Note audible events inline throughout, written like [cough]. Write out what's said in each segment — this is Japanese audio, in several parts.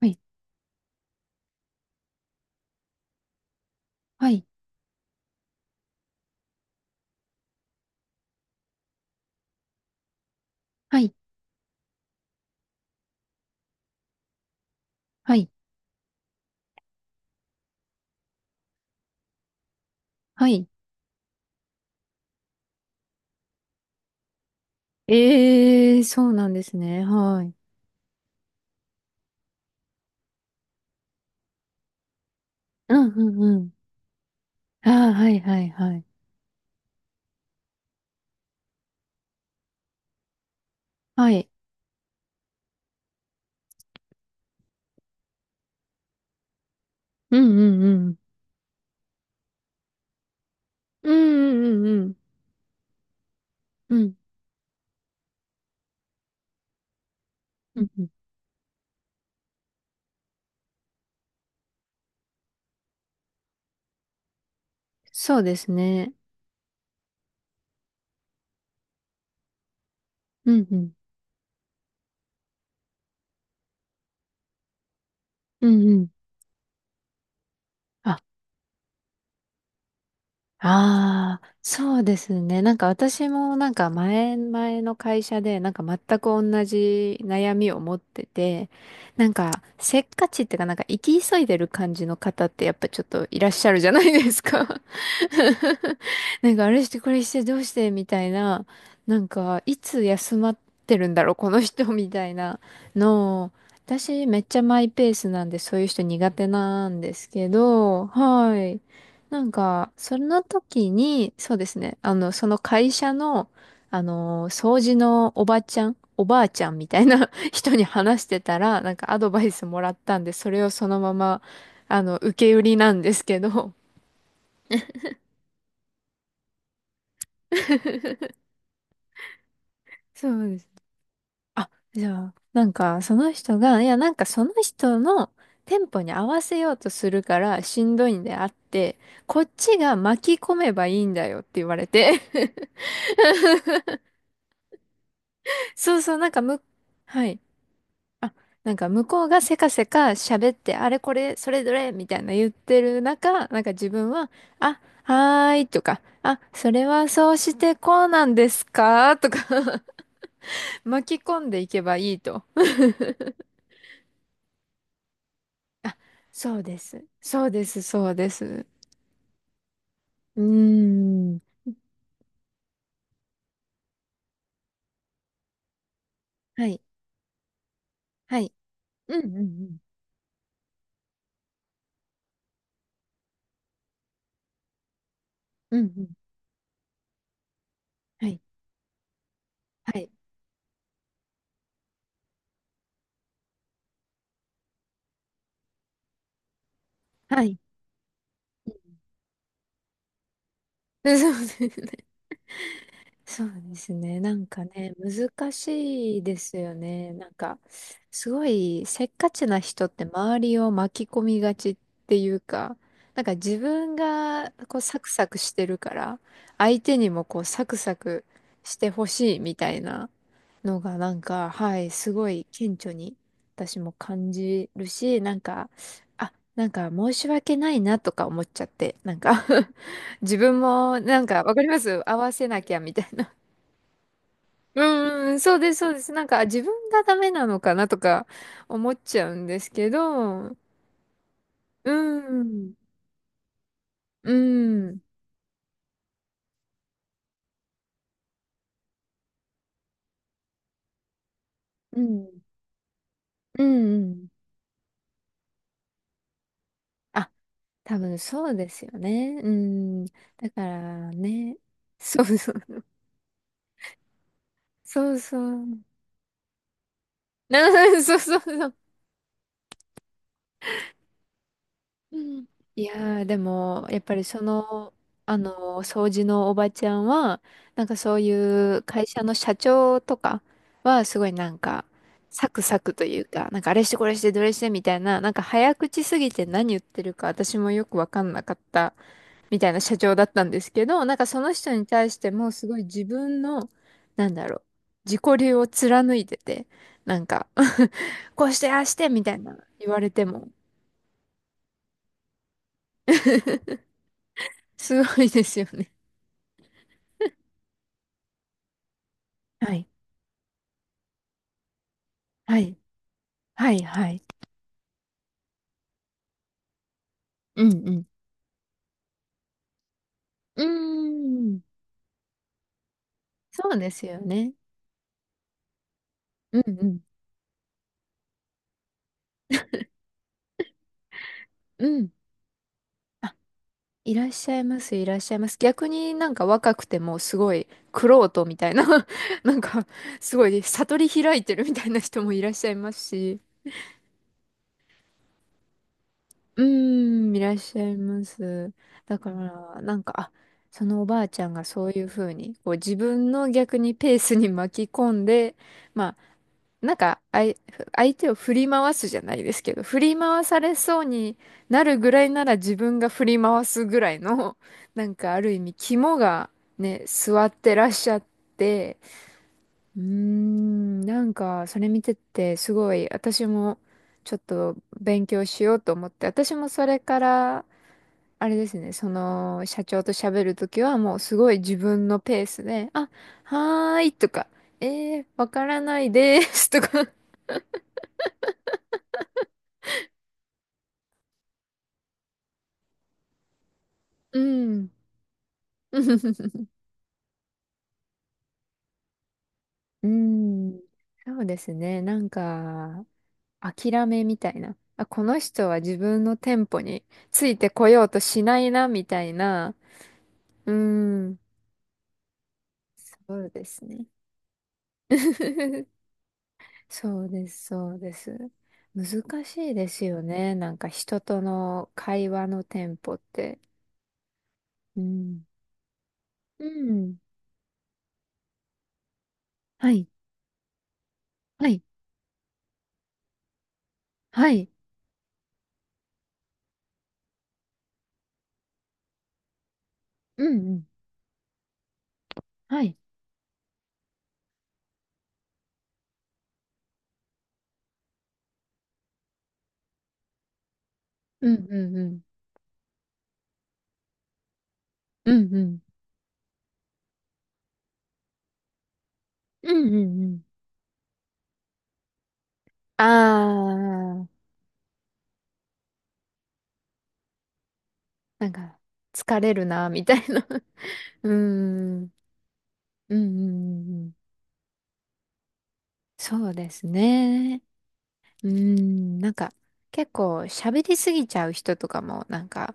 はい、はい、はい、はい、はい。ええ、そうなんですね。はい。うん、うん、うん。ああ、はい、はい、はい。はい。うん、うん、うん。うん、うん、うん、うん。うん、うんうん。そうですね。うん、うん、うん、うん。あ、ああ、そうですね。なんか私もなんか前々の会社でなんか全く同じ悩みを持ってて、なんかせっかちっていうかなんか生き急いでる感じの方ってやっぱちょっといらっしゃるじゃないですか。[laughs] なんかあれしてこれしてどうしてみたいな、なんかいつ休まってるんだろうこの人みたいなのを、私めっちゃマイペースなんでそういう人苦手なんですけど、はい。なんか、その時に、そうですね、その会社の、掃除のおばちゃん、おばあちゃんみたいな [laughs] 人に話してたら、なんかアドバイスもらったんで、それをそのまま、受け売りなんですけど。[laughs] そうです。あ、じゃあ、なんか、その人が、いや、なんかその人のテンポに合わせようとするからしんどいんであって、こっちが巻き込めばいいんだよって言われて。[laughs] そうそう、なんかむ、はい。あなんか向こうがせかせか喋って、あれこれ、それどれみたいな言ってる中、なんか自分は、あ、はーいとか、あ、それはそうしてこうなんですかとか [laughs] 巻き込んでいけばいいと。[laughs] あ、そうです。そうです、そうです。うーん。はい、はい。うんうんうん。うんうん。はい、はい、はい。うん [laughs] そうですそうですね。なんかね、難しいですよね。なんか、すごいせっかちな人って周りを巻き込みがちっていうか、なんか自分がこうサクサクしてるから、相手にもこうサクサクしてほしいみたいなのがなんか、はい、すごい顕著に私も感じるし、なんか、あ、なんか申し訳ないなとか思っちゃって、なんか [laughs] 自分もなんかわかります合わせなきゃみたいなうんうん、そうです、そうです。なんか、自分がダメなのかなとか思っちゃうんですけど、うん、うん、うん、うん、うん。あ、多分そうですよね。うん。だからね、そうそう、そうそう。な [laughs] そうそうそう。うんいやー、でも、やっぱりその、掃除のおばちゃんは、なんかそういう会社の社長とかは、すごいなんか、サクサクというか、なんかあれしてこれしてどれしてみたいな、なんか早口すぎて何言ってるか私もよくわかんなかったみたいな社長だったんですけど、なんかその人に対してもすごい自分の、なんだろう、自己流を貫いてて、なんか [laughs] こうしてああしてみたいな言われても。すごいですよね。はい。はい。はい。はい。うんうん。うーん。そうですよね。うんうん。うん。あ、いらっしゃいます、いらっしゃいます。逆になんか若くてもすごい玄人みたいな [laughs] なんかすごい悟り開いてるみたいな人もいらっしゃいますし。うーん、いらっしゃいます。だから、なんか、あ、そのおばあちゃんがそういうふうに、こう自分の逆にペースに巻き込んで、まあ、なんか、相手を振り回すじゃないですけど、振り回されそうになるぐらいなら自分が振り回すぐらいの、[laughs] なんかある意味肝がね、座ってらっしゃって、うーん、なんかそれ見ててすごい私もちょっと勉強しようと思って、私もそれから、あれですね、その社長と喋るときはもうすごい自分のペースで、あ、はーいとか、えー、わからないですとかうん。[laughs] うん。そうですね。なんか、諦めみたいな。あ、この人は自分のテンポについてこようとしないな、みたいな。うん。そうですね。[laughs] そうです、そうです。難しいですよね。なんか人との会話のテンポって。うん。うん。はい。はい。はい。うんうん。はい。うんうんうん。うんうん。うんうんうん。ああ、なんか、疲れるな、みたいな。[laughs] うーん、うん、うん、うんそうですね。うーん、なんか、結構喋りすぎちゃう人とかも、なんか、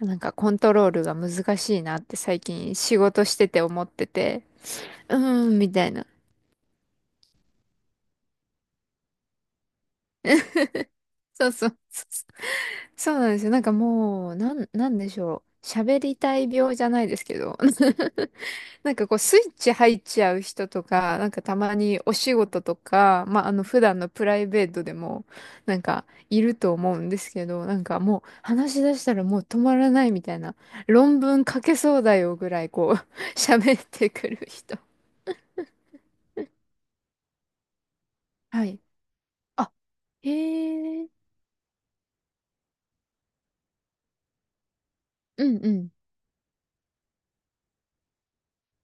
なんかコントロールが難しいなって最近仕事してて思ってて、うーん、みたいな。そうそう、そうそうそうなんですよ。なんかもう、なんでしょう。喋りたい病じゃないですけど。[laughs] なんかこうスイッチ入っちゃう人とか、なんかたまにお仕事とか、まああの普段のプライベートでもなんかいると思うんですけど、なんかもう話し出したらもう止まらないみたいな、論文書けそうだよぐらいこう [laughs] 喋ってくる人。はい。あ、へえ、うんうん、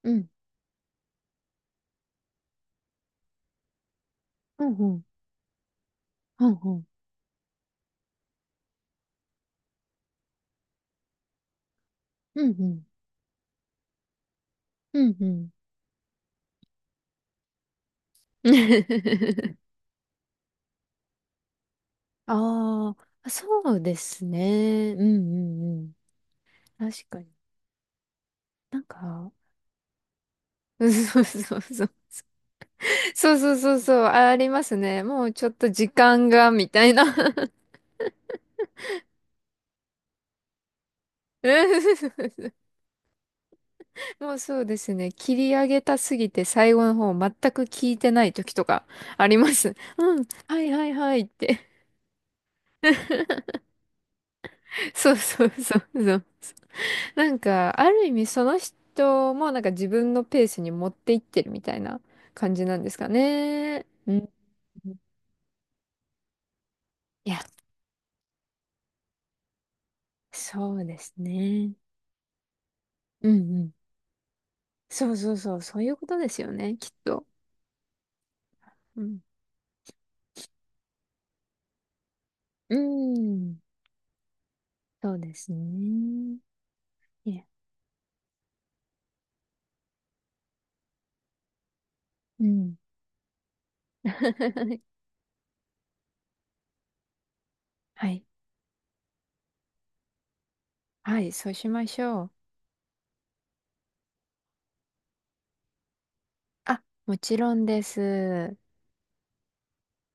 うん、うんうん、うんうん、うんうん、うんうん。[laughs] あーあ、そうですね。うんうんうんうんうんうんうんうんうんうんうんああそうですねうんうんうん確かに。なんか、うんそうそうそう。[laughs] そうそうそうそう。あありますね。もうちょっと時間が、みたいな。[laughs] うんもうそうですね。切り上げたすぎて最後の方全く聞いてない時とかあります。[laughs] うん。はいはいはいって。[laughs] そうそうそうそう。なんか、ある意味その人もなんか自分のペースに持っていってるみたいな感じなんですかね。うん。いや、そうですね。うんうん。そうそうそう、そういうことですよね、きっと。うん。うーん。そうですね。いえ。うん。[laughs] はい。はい、そうしましょう。あ、もちろんです。